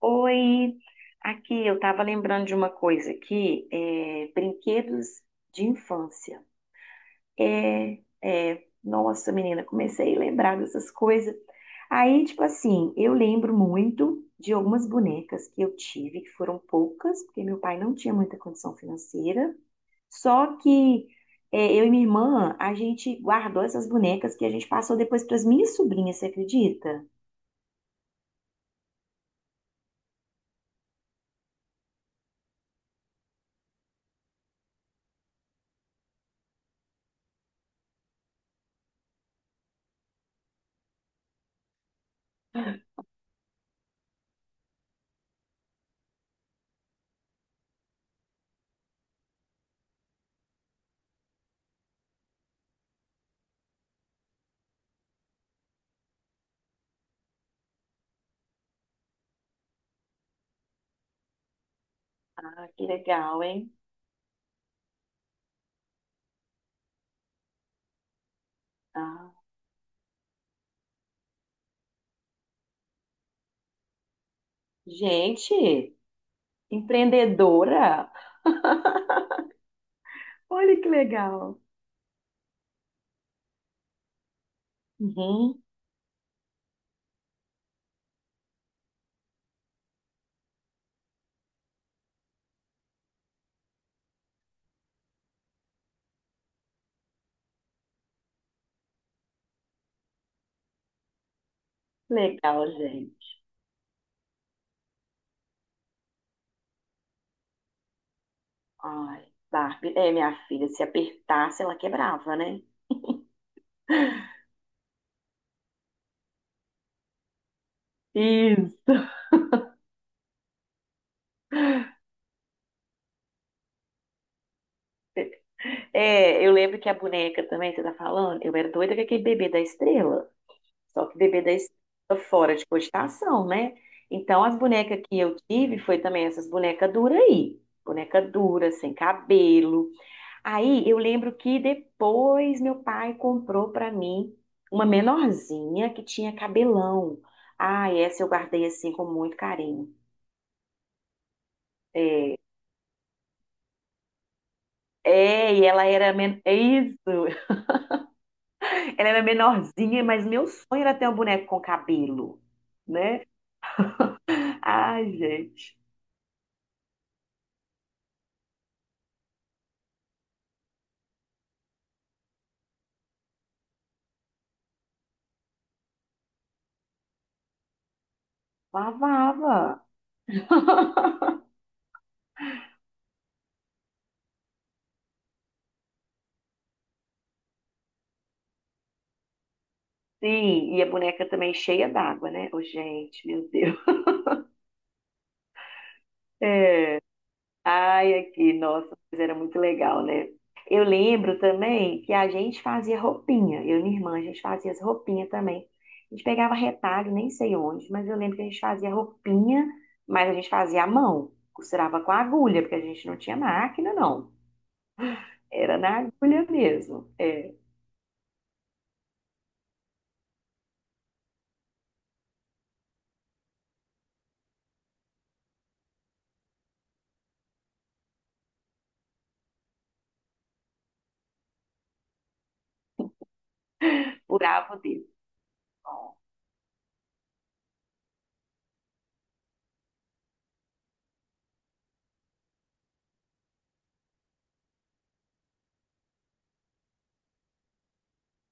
Oi, aqui eu estava lembrando de uma coisa aqui, brinquedos de infância. É, nossa, menina, comecei a lembrar dessas coisas. Aí, tipo assim, eu lembro muito de algumas bonecas que eu tive, que foram poucas, porque meu pai não tinha muita condição financeira. Só que eu e minha irmã, a gente guardou essas bonecas que a gente passou depois para as minhas sobrinhas, você acredita? Ah, que legal, hein? Ah, gente. Empreendedora? Olha que legal. Uhum. Legal, gente. Ai, Barbie. É, minha filha, se apertasse, ela quebrava, né? Isso. É, eu lembro que a boneca também, você tá falando, eu era doida com aquele bebê da estrela. Só que bebê da estrela fora de cogitação, né? Então, as bonecas que eu tive foi também essas bonecas duras aí. Boneca dura, sem cabelo. Aí eu lembro que depois meu pai comprou pra mim uma menorzinha que tinha cabelão. Ah, essa eu guardei assim com muito carinho. É, e ela era é isso. Ela era menorzinha, mas meu sonho era ter um boneco com cabelo, né? Ai, gente, lavava. Sim, e a boneca também cheia d'água, né? Ô, gente, meu Deus. Ai, aqui, nossa, mas era muito legal, né? Eu lembro também que a gente fazia roupinha, eu e minha irmã, a gente fazia as roupinhas também. A gente pegava retalho, nem sei onde, mas eu lembro que a gente fazia roupinha, mas a gente fazia à mão, costurava com agulha, porque a gente não tinha máquina, não. Era na agulha mesmo, é, furava o dedo. Ó,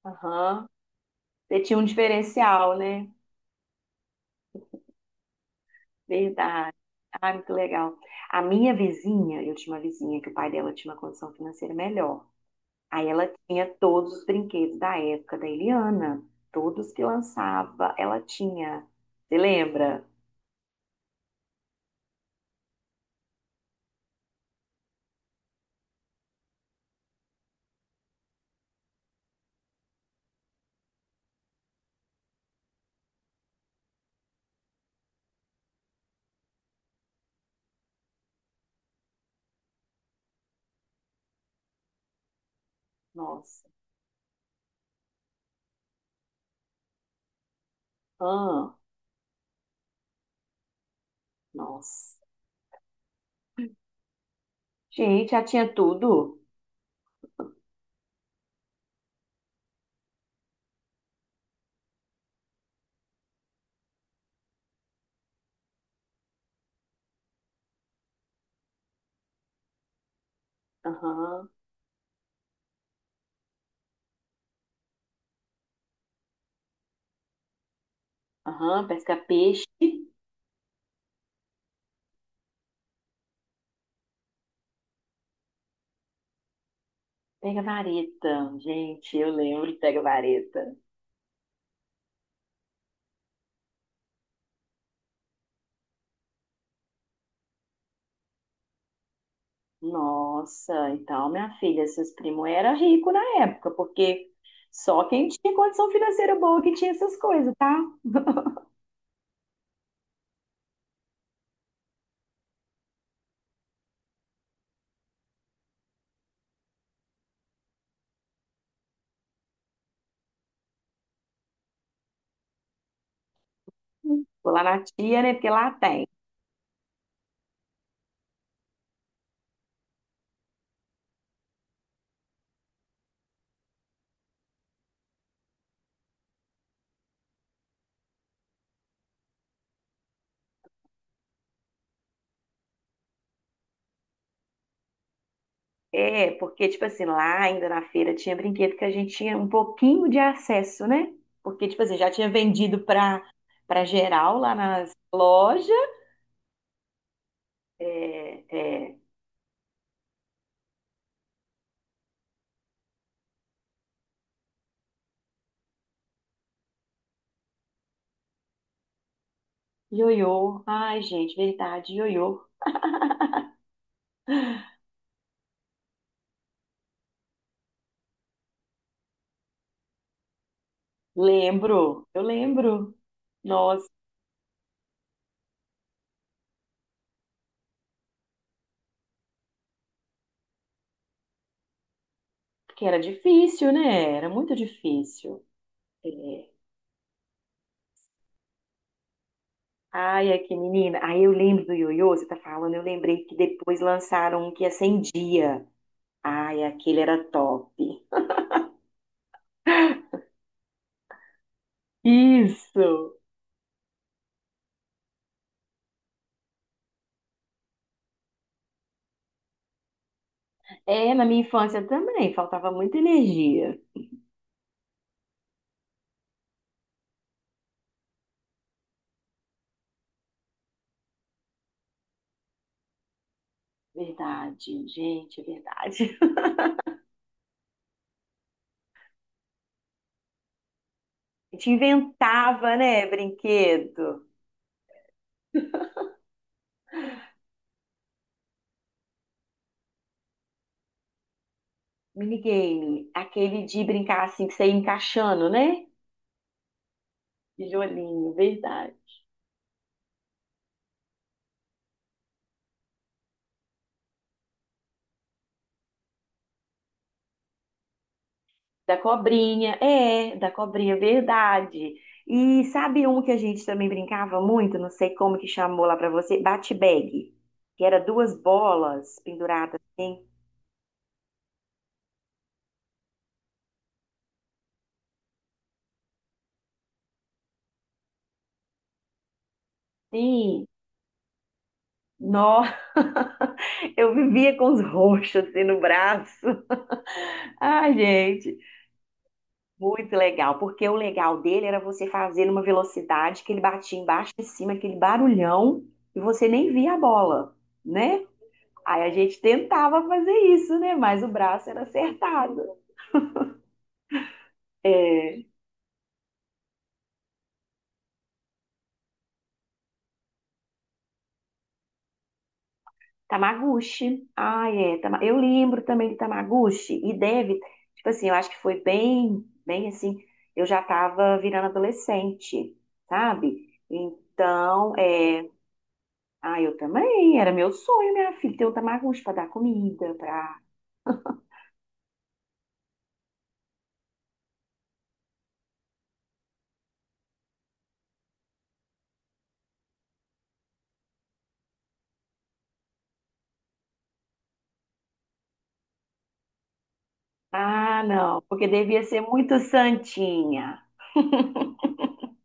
aham. Você tinha um diferencial, né? Verdade. Ah, muito legal. A minha vizinha, eu tinha uma vizinha que o pai dela tinha uma condição financeira melhor. Aí ela tinha todos os brinquedos da época da Eliana, todos que lançava, ela tinha. Você lembra? Nossa. Ah, nossa. Gente, já tinha tudo. Aham, aham, pesca-peixe. Pega vareta, gente, eu lembro de pega vareta. Nossa, então minha filha, seus primos eram ricos na época, porque só quem tinha condição financeira boa que tinha essas coisas, tá? Vou lá na tia, né? Porque lá tem. É, porque, tipo assim, lá ainda na feira tinha brinquedo que a gente tinha um pouquinho de acesso, né? Porque, tipo assim, já tinha vendido pra, pra geral lá nas lojas. É, é, ioiô. Ai, gente, verdade, ioiô. Lembro, eu lembro. Nossa, porque era difícil, né? Era muito difícil. É. Ai, é que menina. Aí eu lembro do ioiô, você tá falando, eu lembrei que depois lançaram um que acendia. Ai, aquele era top. Isso. É, na minha infância também, faltava muita energia. Verdade, gente, é verdade. A gente inventava, né, brinquedo, minigame, aquele de brincar assim, que você ia encaixando, né? Tijolinho, verdade. Da cobrinha, é, da cobrinha, verdade. E sabe um que a gente também brincava muito, não sei como que chamou lá pra você, bate-bag, que era duas bolas penduradas assim. Sim, nó, eu vivia com os roxos assim no braço. Ai, gente, muito legal, porque o legal dele era você fazer numa velocidade que ele batia embaixo e em cima, aquele barulhão, e você nem via a bola, né? Aí a gente tentava fazer isso, né? Mas o braço era acertado. É, Tamaguchi. Ah, é. Eu lembro também de Tamaguchi. E deve, tipo assim, eu acho que foi bem, bem assim. Eu já tava virando adolescente, sabe? Então, é. Ah, eu também. Era meu sonho, minha filha, ter um Tamaguchi pra dar comida, pra. Ah, não. Porque devia ser muito santinha.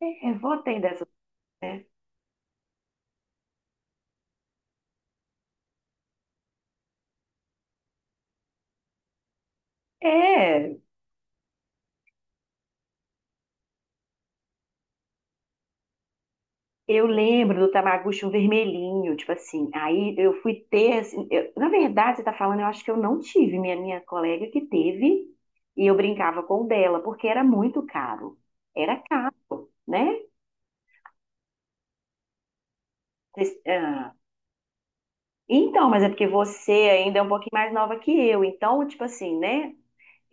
É, vou ter dessas, né? É. Eu lembro do Tamagotchi um vermelhinho, tipo assim. Aí eu fui ter, assim, na verdade, você tá falando, eu acho que eu não tive, minha colega que teve, e eu brincava com o dela, porque era muito caro. Era caro, né? Vocês- ah, Então, mas é porque você ainda é um pouquinho mais nova que eu, então, tipo assim, né?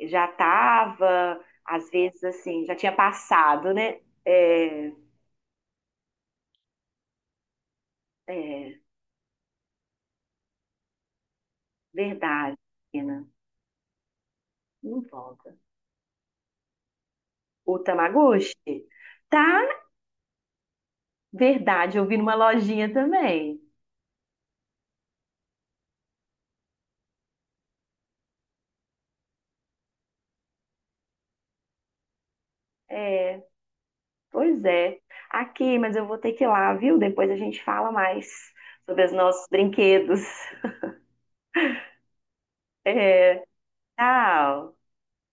Já tava, às vezes, assim, já tinha passado, né? É, é verdade, pena. Não volta. O Tamagotchi? Tá, verdade, eu vi numa lojinha também. É, pois é. Aqui, mas eu vou ter que ir lá, viu? Depois a gente fala mais sobre os nossos brinquedos. É, tchau.